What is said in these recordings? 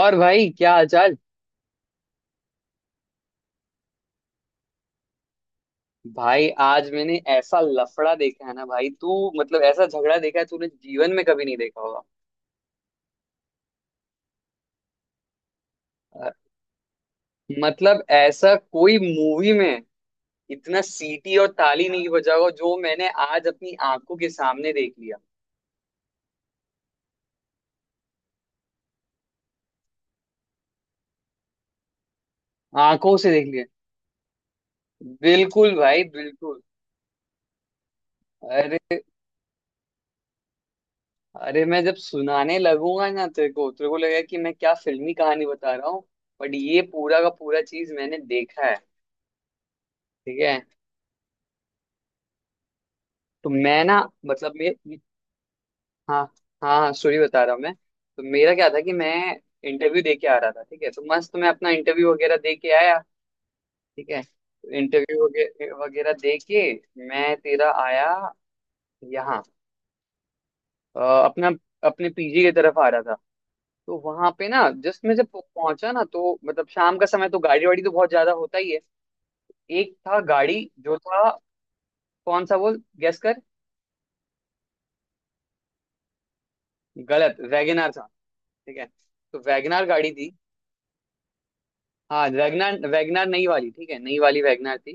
और भाई, क्या हालचाल। भाई आज मैंने ऐसा लफड़ा देखा है ना, भाई तू, मतलब ऐसा झगड़ा देखा है तूने जीवन में कभी नहीं देखा होगा। अ, मतलब ऐसा कोई मूवी में इतना सीटी और ताली नहीं बजा होगा जो मैंने आज अपनी आंखों के सामने देख लिया। आंखों से देख लिया, बिल्कुल भाई, बिल्कुल। अरे अरे, मैं जब सुनाने लगूंगा ना तेरे को लगेगा कि मैं क्या फिल्मी कहानी बता रहा हूँ। बट ये पूरा का पूरा चीज मैंने देखा है। ठीक है। तो मैं ना, मतलब मैं, हाँ हाँ हाँ, सॉरी बता रहा हूँ मैं। तो मेरा क्या था कि मैं इंटरव्यू दे के आ रहा था। ठीक है, तो मस्त मैं अपना इंटरव्यू वगैरह दे के आया। ठीक है। इंटरव्यू वगैरह वगैरह दे के मैं तेरा आया यहाँ। अपना अपने पीजी की तरफ आ रहा था। तो वहां पे ना, जस्ट मैं जब पहुंचा ना, तो मतलब शाम का समय, तो गाड़ी वाड़ी तो बहुत ज्यादा होता ही है। एक था गाड़ी जो था, कौन सा वो? गैस कर। गलत, वैगनार था। ठीक है, तो वैगनार गाड़ी थी। हाँ, वैगनार वैगनार नई वाली, ठीक है, नई वाली वैगनार थी।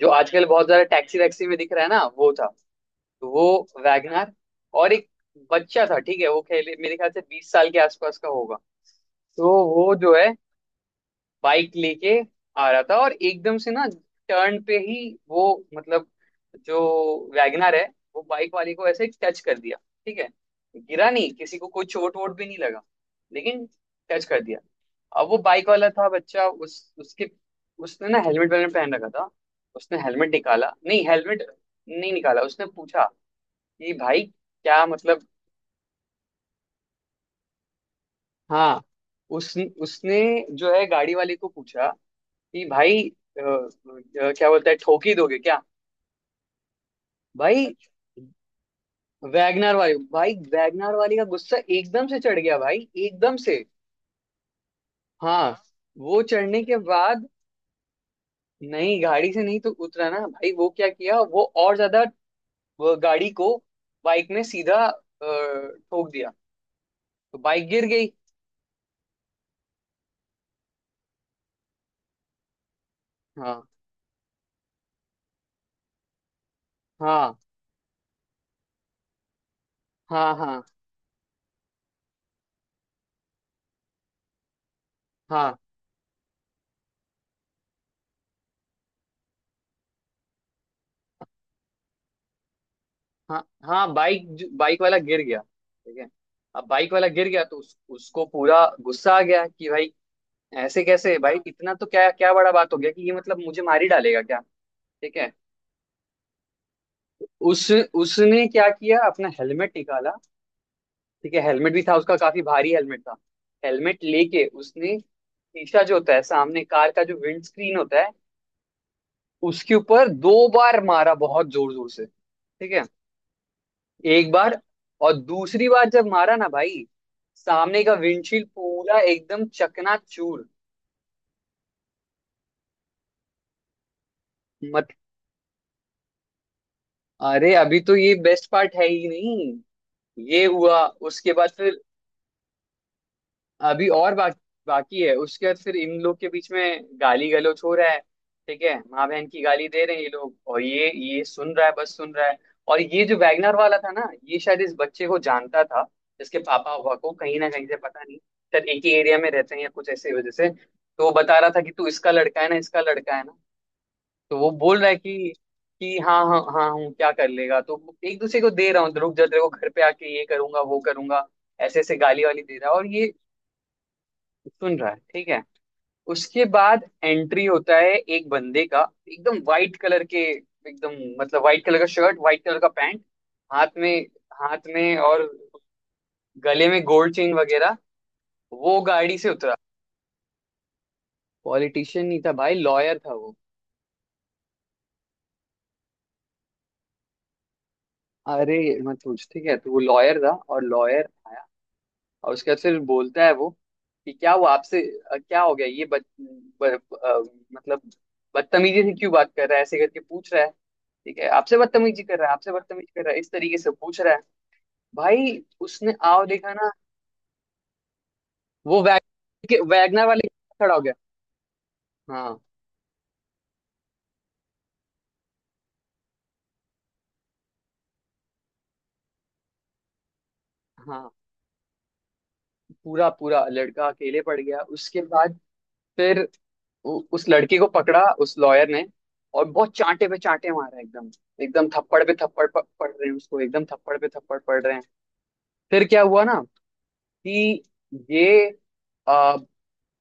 जो आजकल बहुत ज्यादा टैक्सी वैक्सी में दिख रहा है ना, वो था। तो वो वैगनार। और एक बच्चा था, ठीक है, वो खेले मेरे ख्याल से 20 साल के आसपास का होगा। तो वो जो है बाइक लेके आ रहा था, और एकदम से ना टर्न पे ही वो, मतलब जो वैगनर है, वो बाइक वाले को ऐसे टच कर दिया। ठीक है। गिरा नहीं, किसी को कोई चोट वोट भी नहीं लगा, लेकिन टच कर दिया। अब वो बाइक वाला था बच्चा, उस उसके उसने ना हेलमेट वेलमेट पहन रखा था। उसने हेलमेट निकाला नहीं, हेलमेट नहीं निकाला। उसने पूछा कि भाई, क्या मतलब। हाँ, उस उसने जो है गाड़ी वाले को पूछा कि भाई, क्या बोलता है, ठोक ही दोगे क्या? भाई वैगनर वाली, भाई वैगनर वाली का गुस्सा एकदम से चढ़ गया भाई, एकदम से। हाँ, वो चढ़ने के बाद। नहीं, गाड़ी से नहीं तो उतरा ना भाई, वो क्या किया, वो और ज्यादा वो गाड़ी को बाइक में सीधा ठोक दिया। तो बाइक गिर गई। हाँ हाँ, हाँ हाँ हाँ हाँ, हाँ बाइक बाइक वाला गिर गया। ठीक है। अब बाइक वाला गिर गया तो उसको पूरा गुस्सा आ गया कि भाई, ऐसे कैसे भाई, इतना तो क्या, क्या बड़ा बात हो गया कि ये मतलब मुझे मार ही डालेगा क्या? ठीक है। उस उसने क्या किया, अपना हेलमेट निकाला। ठीक है, हेलमेट भी था उसका, काफी भारी हेलमेट था। हेलमेट लेके उसने शीशा जो होता है सामने कार का, जो विंड स्क्रीन होता है, उसके ऊपर 2 बार मारा, बहुत जोर जोर से। ठीक है। एक बार, और दूसरी बार जब मारा ना भाई, सामने का विंडशील्ड पूरा एकदम चकनाचूर। मत, अरे अभी तो ये बेस्ट पार्ट है ही नहीं। ये हुआ उसके बाद फिर, अभी और बाकी, बाकी है। उसके बाद फिर इन लोग के बीच में गाली गलौज हो रहा है। ठीक है, माँ बहन की गाली दे रहे हैं ये लोग, और ये सुन रहा है, बस सुन रहा है। और ये जो वैगनर वाला था ना, ये शायद इस बच्चे को जानता था, इसके पापा हुआ को कहीं ना कहीं से, पता नहीं, शायद एक ही एरिया में रहते हैं या कुछ ऐसी वजह से। तो वो बता रहा था कि तू इसका लड़का है ना, इसका लड़का है ना। तो वो बोल रहा है कि, हाँ हाँ हाँ हूँ, क्या कर लेगा, तो एक दूसरे को दे रहा हूँ, रुक जा, तेरे को घर पे आके ये करूंगा वो करूंगा। ऐसे ऐसे गाली वाली दे रहा है, और ये सुन रहा है। ठीक है। उसके बाद एंट्री होता है एक बंदे का। एकदम वाइट कलर के, एकदम, मतलब वाइट कलर का शर्ट, वाइट कलर का पैंट, हाथ में, हाथ में, और गले में गोल्ड चेन वगैरह। वो गाड़ी से उतरा। पॉलिटिशियन नहीं था भाई, लॉयर था वो। अरे मत पूछ। ठीक है, तो वो लॉयर था, और लॉयर, और उसके बाद फिर बोलता है वो कि क्या हुआ आपसे, क्या हो गया ये, मतलब बदतमीजी से क्यों बात कर रहा है, ऐसे करके पूछ रहा है। ठीक है, आपसे बदतमीजी कर रहा है, आपसे बदतमीजी कर रहा है, इस तरीके से पूछ रहा है। भाई उसने आओ देखा ना, वो वैग के वैगना वाले के खड़ा हो गया। हाँ हाँ, पूरा पूरा लड़का अकेले पड़ गया उसके बाद, फिर उस लड़के को पकड़ा उस लॉयर ने, और बहुत चांटे पे चांटे मारा एकदम, एकदम थप्पड़ पे थप्पड़ पड़ रहे हैं उसको, एकदम थप्पड़ पे थप्पड़ पड़ रहे हैं। फिर क्या हुआ ना कि ये, आ,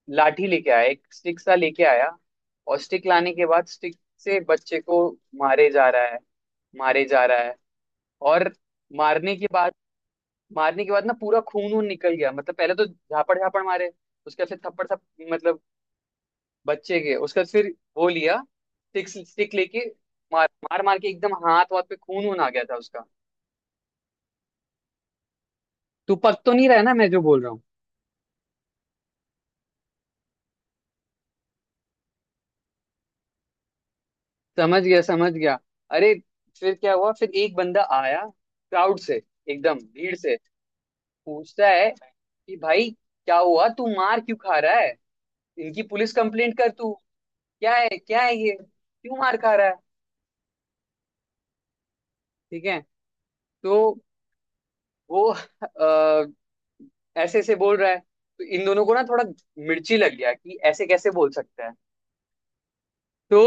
लाठी लेके आया, एक स्टिक सा लेके आया, और स्टिक लाने के बाद स्टिक से बच्चे को मारे जा रहा है, मारे जा रहा है। और मारने के बाद, मारने के बाद ना पूरा खून वून निकल गया, मतलब पहले तो झापड़ झापड़ मारे, उसके बाद फिर थप्पड़ थप मतलब बच्चे के, उसके बाद फिर वो लिया स्टिक, स्टिक लेके मार मार मार के, एकदम हाथ वाथ पे खून वून आ गया था उसका। तू पक तो नहीं रहा है ना, मैं जो बोल रहा हूँ? समझ गया, समझ गया। अरे, फिर क्या हुआ, फिर एक बंदा आया क्राउड से, एकदम भीड़ से। पूछता है कि भाई क्या हुआ, तू मार क्यों खा रहा है, इनकी पुलिस कंप्लेंट कर तू, क्या है ये, क्यों मार खा रहा है। ठीक है। तो वो ऐसे ऐसे बोल रहा है, तो इन दोनों को ना थोड़ा मिर्ची लग गया कि ऐसे कैसे बोल सकता है। तो,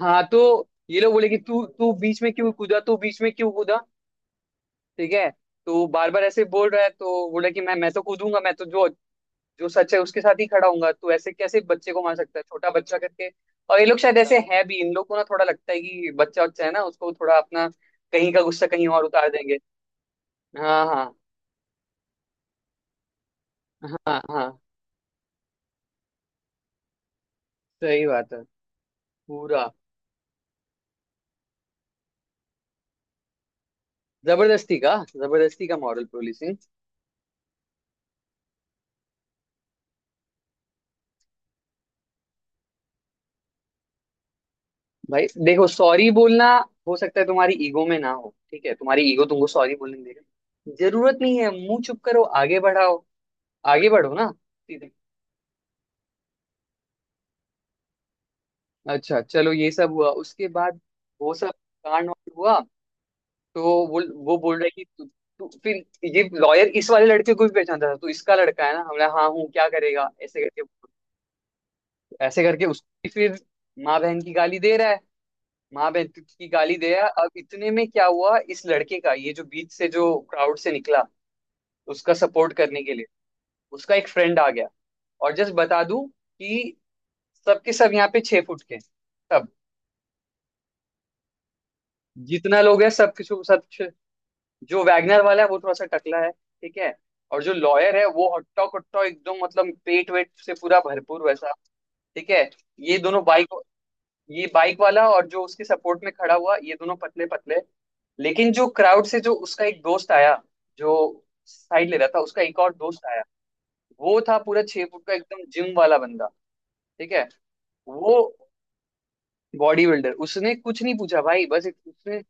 हाँ तो, ये लोग बोले कि तू तू बीच में क्यों कूदा, तू बीच में क्यों कूदा। ठीक है। तो बार बार ऐसे बोल रहा है, तो बोला कि मैं तो कूदूंगा, मैं तो जो जो सच है उसके साथ ही खड़ा हूंगा, तो ऐसे कैसे बच्चे को मान सकता है, छोटा बच्चा करके। और ये लोग शायद ऐसे है भी, इन लोग को ना थोड़ा लगता है कि बच्चा बच्चा है ना, उसको थोड़ा अपना कहीं का गुस्सा कहीं और उतार देंगे। हाँ हाँ हाँ हाँ, सही बात है। पूरा जबरदस्ती का, जबरदस्ती का मॉरल पोलिसिंग। भाई देखो, सॉरी बोलना हो सकता है तुम्हारी ईगो में ना हो, ठीक है, तुम्हारी ईगो तुमको सॉरी बोलने देगा, जरूरत नहीं है, मुंह चुप करो आगे बढ़ाओ, आगे बढ़ो ना सीधे। अच्छा चलो, ये सब हुआ उसके बाद, वो सब कांड वांड हुआ। तो वो बोल रहा है कि तू, तू फिर ये लॉयर इस वाले लड़के को भी पहचानता था, तो इसका लड़का है ना, हमने, हाँ हूँ क्या करेगा ऐसे करके, ऐसे करके उसकी फिर माँ बहन की गाली दे रहा है, माँ बहन की गाली दे रहा है। अब इतने में क्या हुआ इस लड़के का, ये जो बीच से, जो क्राउड से निकला उसका सपोर्ट करने के लिए, उसका एक फ्रेंड आ गया। और जस्ट बता दूं कि सबके सब यहाँ पे 6 फुट के हैं, सब जितना लोग है। जो वैगनर वाला है वो थोड़ा सा टकला है, ठीक है, और जो लॉयर है वो हट्टा कट्टा एकदम, मतलब पेट वेट से पूरा भरपूर, वैसा। ठीक है। ये दोनों बाइक, ये बाइक वाला और जो उसके सपोर्ट में खड़ा हुआ, ये दोनों पतले पतले। लेकिन जो क्राउड से जो उसका एक दोस्त आया, जो साइड ले रहा था, उसका एक और दोस्त आया, वो था पूरा 6 फुट का, एकदम जिम वाला बंदा। ठीक है, वो बॉडी बिल्डर उसने कुछ नहीं पूछा भाई, बस उसने,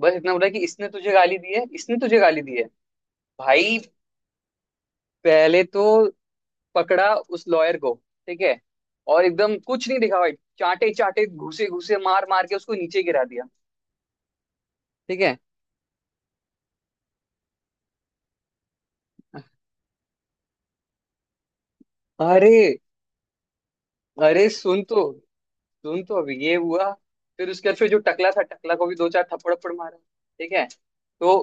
बस इतना बोला कि इसने तुझे गाली दी है, इसने तुझे गाली दी है। भाई पहले तो पकड़ा उस लॉयर को, ठीक है, और एकदम कुछ नहीं दिखा भाई, चाटे चाटे घुसे घुसे मार मार के उसको नीचे गिरा दिया। ठीक है। अरे अरे, सुन तो, सुन तो, अभी ये हुआ। फिर उसके बाद फिर जो टकला था, टकला को भी दो चार थप्पड़ थप्पड़ मारा। ठीक है। तो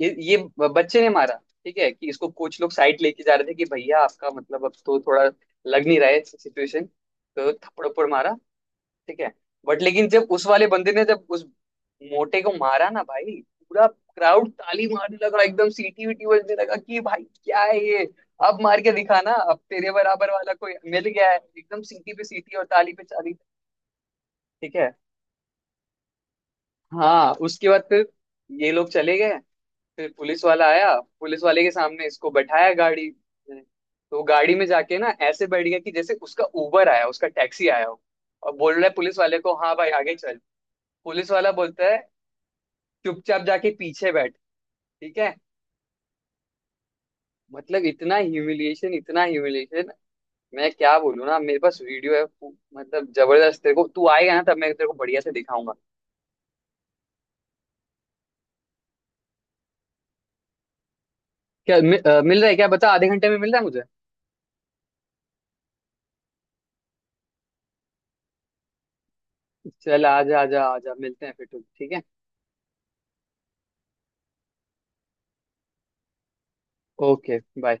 ये बच्चे ने मारा। ठीक है कि इसको कोच लोग साइड लेके जा रहे थे कि भैया आपका, मतलब अब तो थोड़ा लग नहीं रहा है सिचुएशन, तो थप्पड़ थप्पड़ मारा। ठीक है। बट लेकिन जब उस वाले बंदे ने, जब उस मोटे को मारा ना भाई, पूरा क्राउड ताली मारने लगा, एकदम सीटी वीटी बजने लगा कि भाई क्या है ये, अब मार के दिखा ना, अब तेरे बराबर वाला कोई मिल गया है, एकदम सीटी पे सीटी और ताली पे ताली। ठीक है। हाँ, उसके बाद फिर ये लोग चले गए, फिर पुलिस वाला आया, पुलिस वाले के सामने इसको बैठाया गाड़ी में। तो गाड़ी में जाके ना ऐसे बैठ गया कि जैसे उसका उबर आया, उसका टैक्सी आया हो, और बोल रहा है पुलिस वाले को, हाँ भाई आगे चल। पुलिस वाला बोलता है, चुपचाप जाके पीछे बैठ। ठीक है। मतलब इतना ह्यूमिलिएशन, इतना ह्यूमिलिएशन, मैं क्या बोलूँ ना, मेरे पास वीडियो है, मतलब जबरदस्त, तेरे को, तू आएगा ना तब मैं तेरे को बढ़िया से दिखाऊंगा। क्या मिल रहा है, क्या बता, आधे घंटे में मिल रहा है मुझे? चल आजा आजा आजा, मिलते हैं फिर। ठीक है, ओके बाय।